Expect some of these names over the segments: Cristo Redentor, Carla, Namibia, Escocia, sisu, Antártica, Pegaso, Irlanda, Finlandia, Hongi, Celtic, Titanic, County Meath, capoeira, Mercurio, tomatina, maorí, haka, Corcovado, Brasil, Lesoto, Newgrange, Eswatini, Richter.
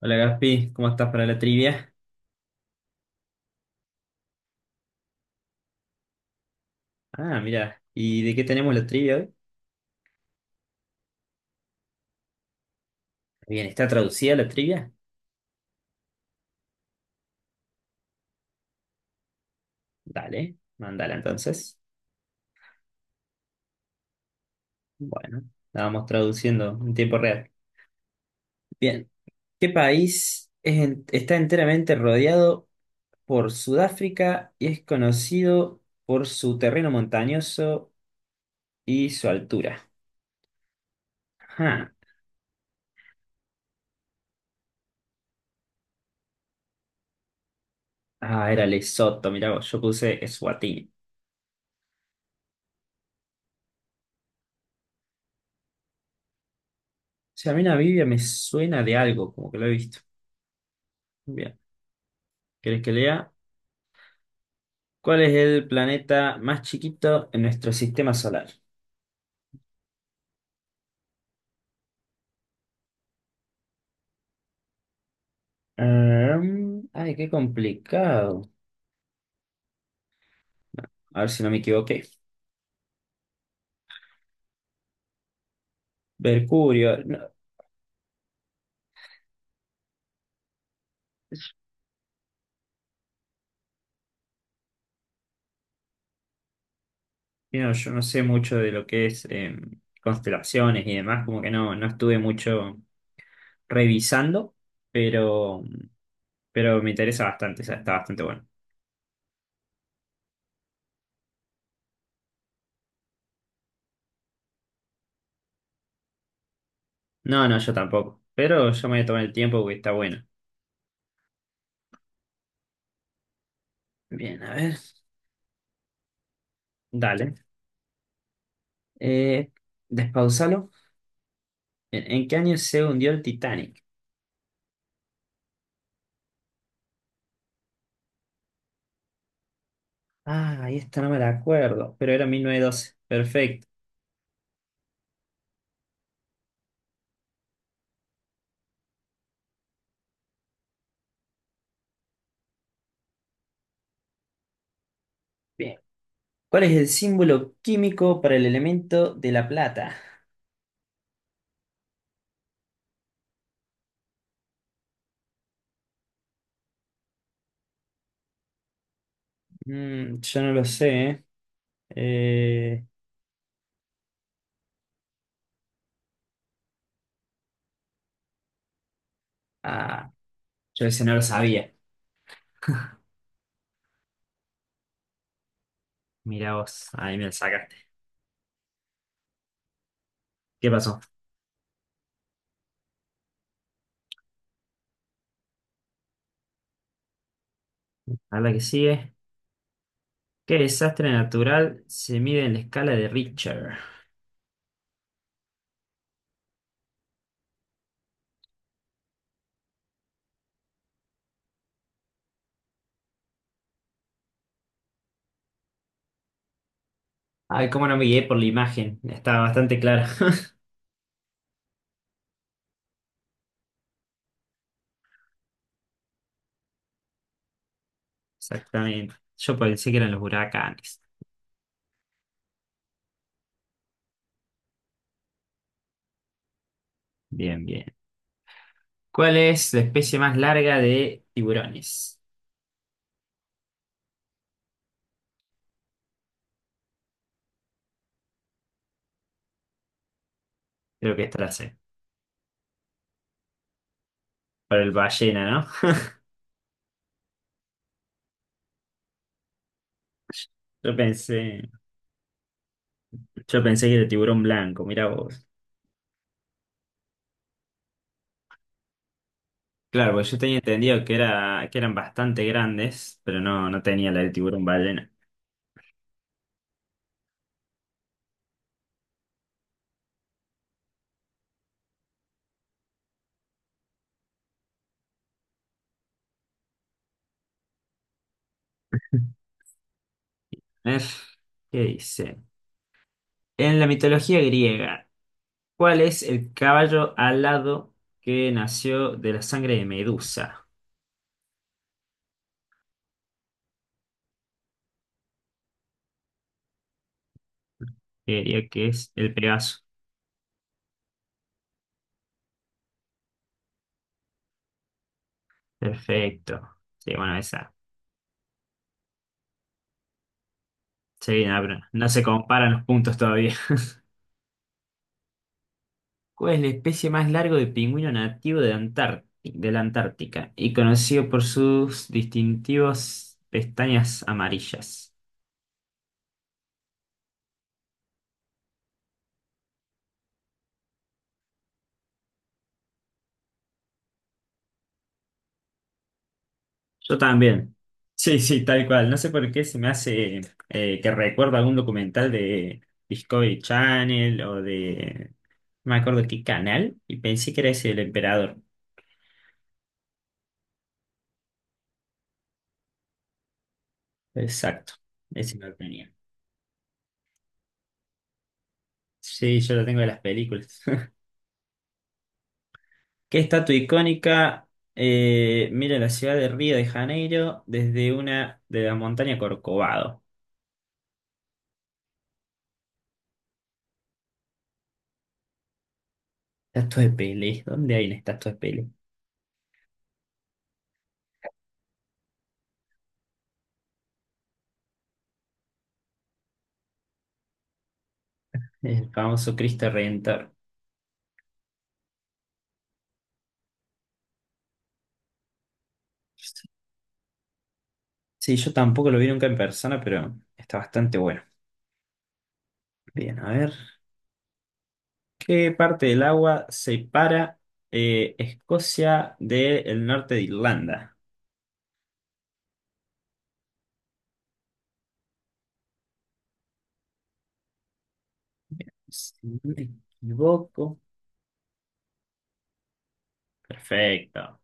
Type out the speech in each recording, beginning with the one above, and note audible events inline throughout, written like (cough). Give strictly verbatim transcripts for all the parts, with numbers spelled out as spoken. Hola Gaspi, ¿cómo estás para la trivia? Ah, mira, ¿y de qué tenemos la trivia hoy? Bien, ¿está traducida la trivia? Dale, mándala entonces. Bueno, la vamos traduciendo en tiempo real. Bien, ¿qué país es en- está enteramente rodeado por Sudáfrica y es conocido por su terreno montañoso y su altura? Ajá. Ah, era Lesoto, mirá vos, yo puse Eswatini. O sea, a mí Namibia me suena de algo, como que lo he visto. Bien, ¿querés que lea? ¿Cuál es el planeta más chiquito en nuestro sistema solar? Em, ay, qué complicado. A ver si no me equivoqué. Mercurio. No, mira, yo no sé mucho de lo que es em, constelaciones y demás, como que no, no estuve mucho revisando, pero, pero me interesa bastante, o sea, está bastante bueno. No, no, yo tampoco, pero yo me voy a tomar el tiempo porque está bueno. Bien, a ver, dale. Eh, Despausalo. ¿En, en qué año se hundió el Titanic? Ah, ahí está, no me la acuerdo, pero era mil novecientos doce. Perfecto. Bien. ¿Cuál es el símbolo químico para el elemento de la plata? Mm, yo no lo sé, ¿eh? Eh, ah, yo ese no lo sabía. Mira vos, ahí me lo sacaste. ¿Qué pasó? A la que sigue. ¿Qué desastre natural se mide en la escala de Richter? Ay, cómo no me guié por la imagen. Estaba bastante clara. (laughs) Exactamente. Yo pensé que eran los huracanes. Bien, bien. ¿Cuál es la especie más larga de tiburones? Creo que esta la sé. Para el ballena, ¿no? (laughs) Yo pensé, yo pensé que era tiburón blanco, mira vos. Claro, porque yo tenía entendido que era, que eran bastante grandes, pero no, no tenía la del tiburón ballena. A ver, ¿qué dice? En la mitología griega, ¿cuál es el caballo alado que nació de la sangre de Medusa? Yo diría que es el Pegaso. Perfecto. Sí, bueno, esa. Sí, no, pero no se comparan los puntos todavía. (laughs) ¿Cuál es la especie más larga de pingüino nativo de Antárti- de la Antártica y conocido por sus distintivos pestañas amarillas? Yo también. Sí, sí, tal cual. No sé por qué se me hace eh, que recuerdo algún documental de Discovery Channel o de... No me acuerdo qué canal y pensé que era ese del emperador. Exacto, ese no lo tenía. Sí, yo lo tengo de las películas. (laughs) ¿Qué estatua icónica eh, mira la ciudad de Río de Janeiro desde una de la montaña Corcovado? Estatua de Pelé. ¿Dónde hay una estatua de Pelé? El famoso Cristo Redentor. Sí, yo tampoco lo vi nunca en persona, pero está bastante bueno. Bien, a ver. ¿Qué parte del agua separa eh, Escocia del norte de Irlanda? Si no me equivoco. Perfecto.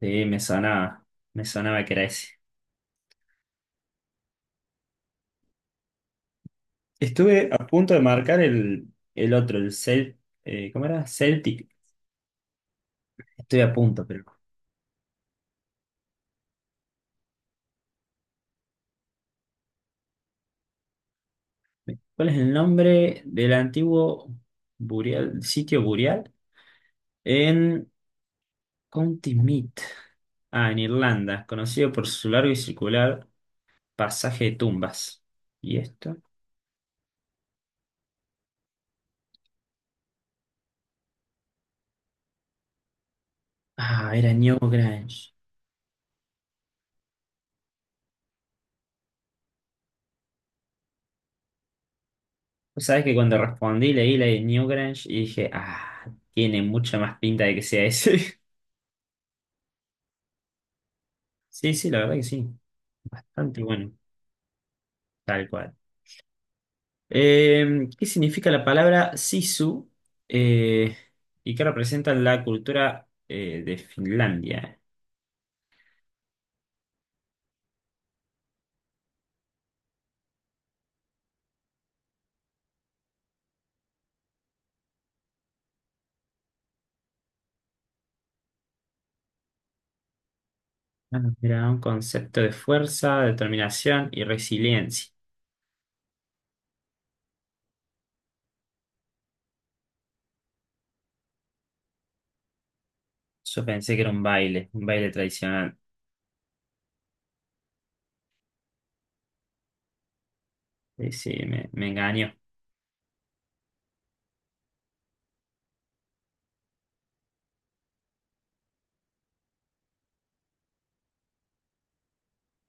Sí, me sonaba. Me sonaba que era ese. Estuve a punto de marcar el, el otro, el Cel, eh, ¿cómo era? Celtic. Estoy a punto, pero. ¿Cuál es el nombre del antiguo Burial, sitio Burial? En County Meath. Ah, en Irlanda, conocido por su largo y circular pasaje de tumbas. ¿Y esto? Ah, era Newgrange. Vos sabés que cuando respondí leí la de Newgrange y dije, ah, tiene mucha más pinta de que sea ese. (laughs) Sí, sí, la verdad que sí. Bastante bueno, tal cual. Eh, ¿qué significa la palabra sisu eh, y qué representa la cultura eh, de Finlandia? Ah, era un concepto de fuerza, determinación y resiliencia. Yo pensé que era un baile, un baile tradicional. Sí, sí, me, me engañó.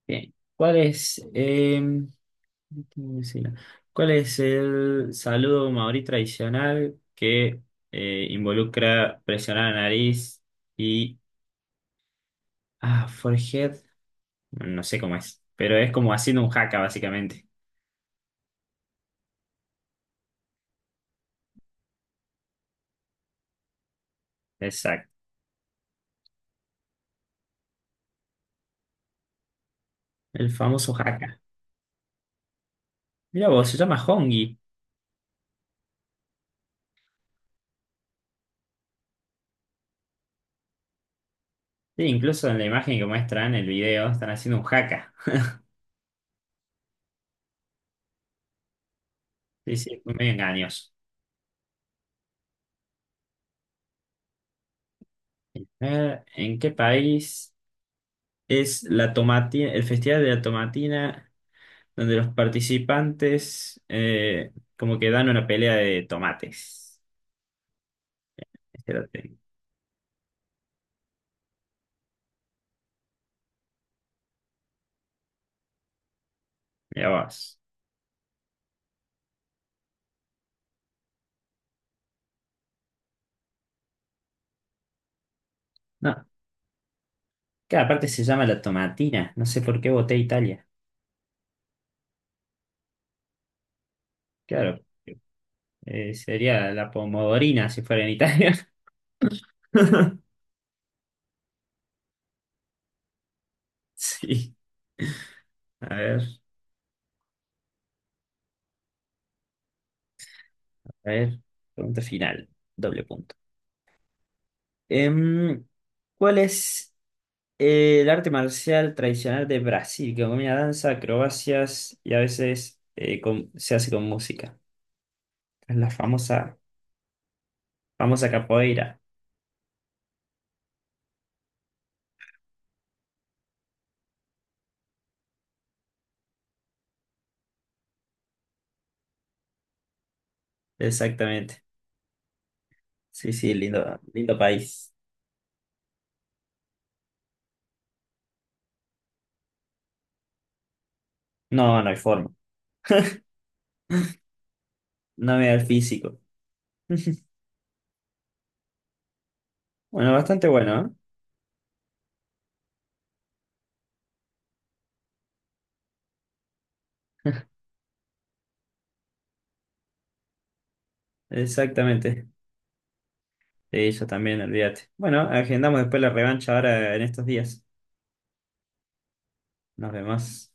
Bien. ¿Cuál es, eh, ¿cómo decirlo? ¿Cuál es el saludo maorí tradicional que eh, involucra presionar la nariz y ah, forehead? No sé cómo es. Pero es como haciendo un haka, básicamente. Exacto. El famoso haka. Mira vos, se llama Hongi. Sí, incluso en la imagen que muestran, en el video, están haciendo un haka. Sí, sí, fue medio engañoso. A ver, ¿en qué país es la tomatina, el Festival de la Tomatina, donde los participantes eh, como que dan una pelea de tomates? Espérate, mira vos. No, cada parte se llama la tomatina. No sé por qué voté Italia. Claro, Eh, sería la pomodorina si fuera en Italia. (laughs) Sí. A ver, a ver. Pregunta final. Doble punto. Em, ¿cuál es eh, el arte marcial tradicional de Brasil? Que combina danza, acrobacias y a veces eh, con- se hace con música. Es la famosa, famosa capoeira. Exactamente. Sí, sí, lindo, lindo país. No, no hay forma. No me da el físico. (laughs) Bueno, bastante bueno, ¿eh? (laughs) Exactamente. Sí, yo también, olvídate. Bueno, agendamos después la revancha ahora en estos días. Nos vemos.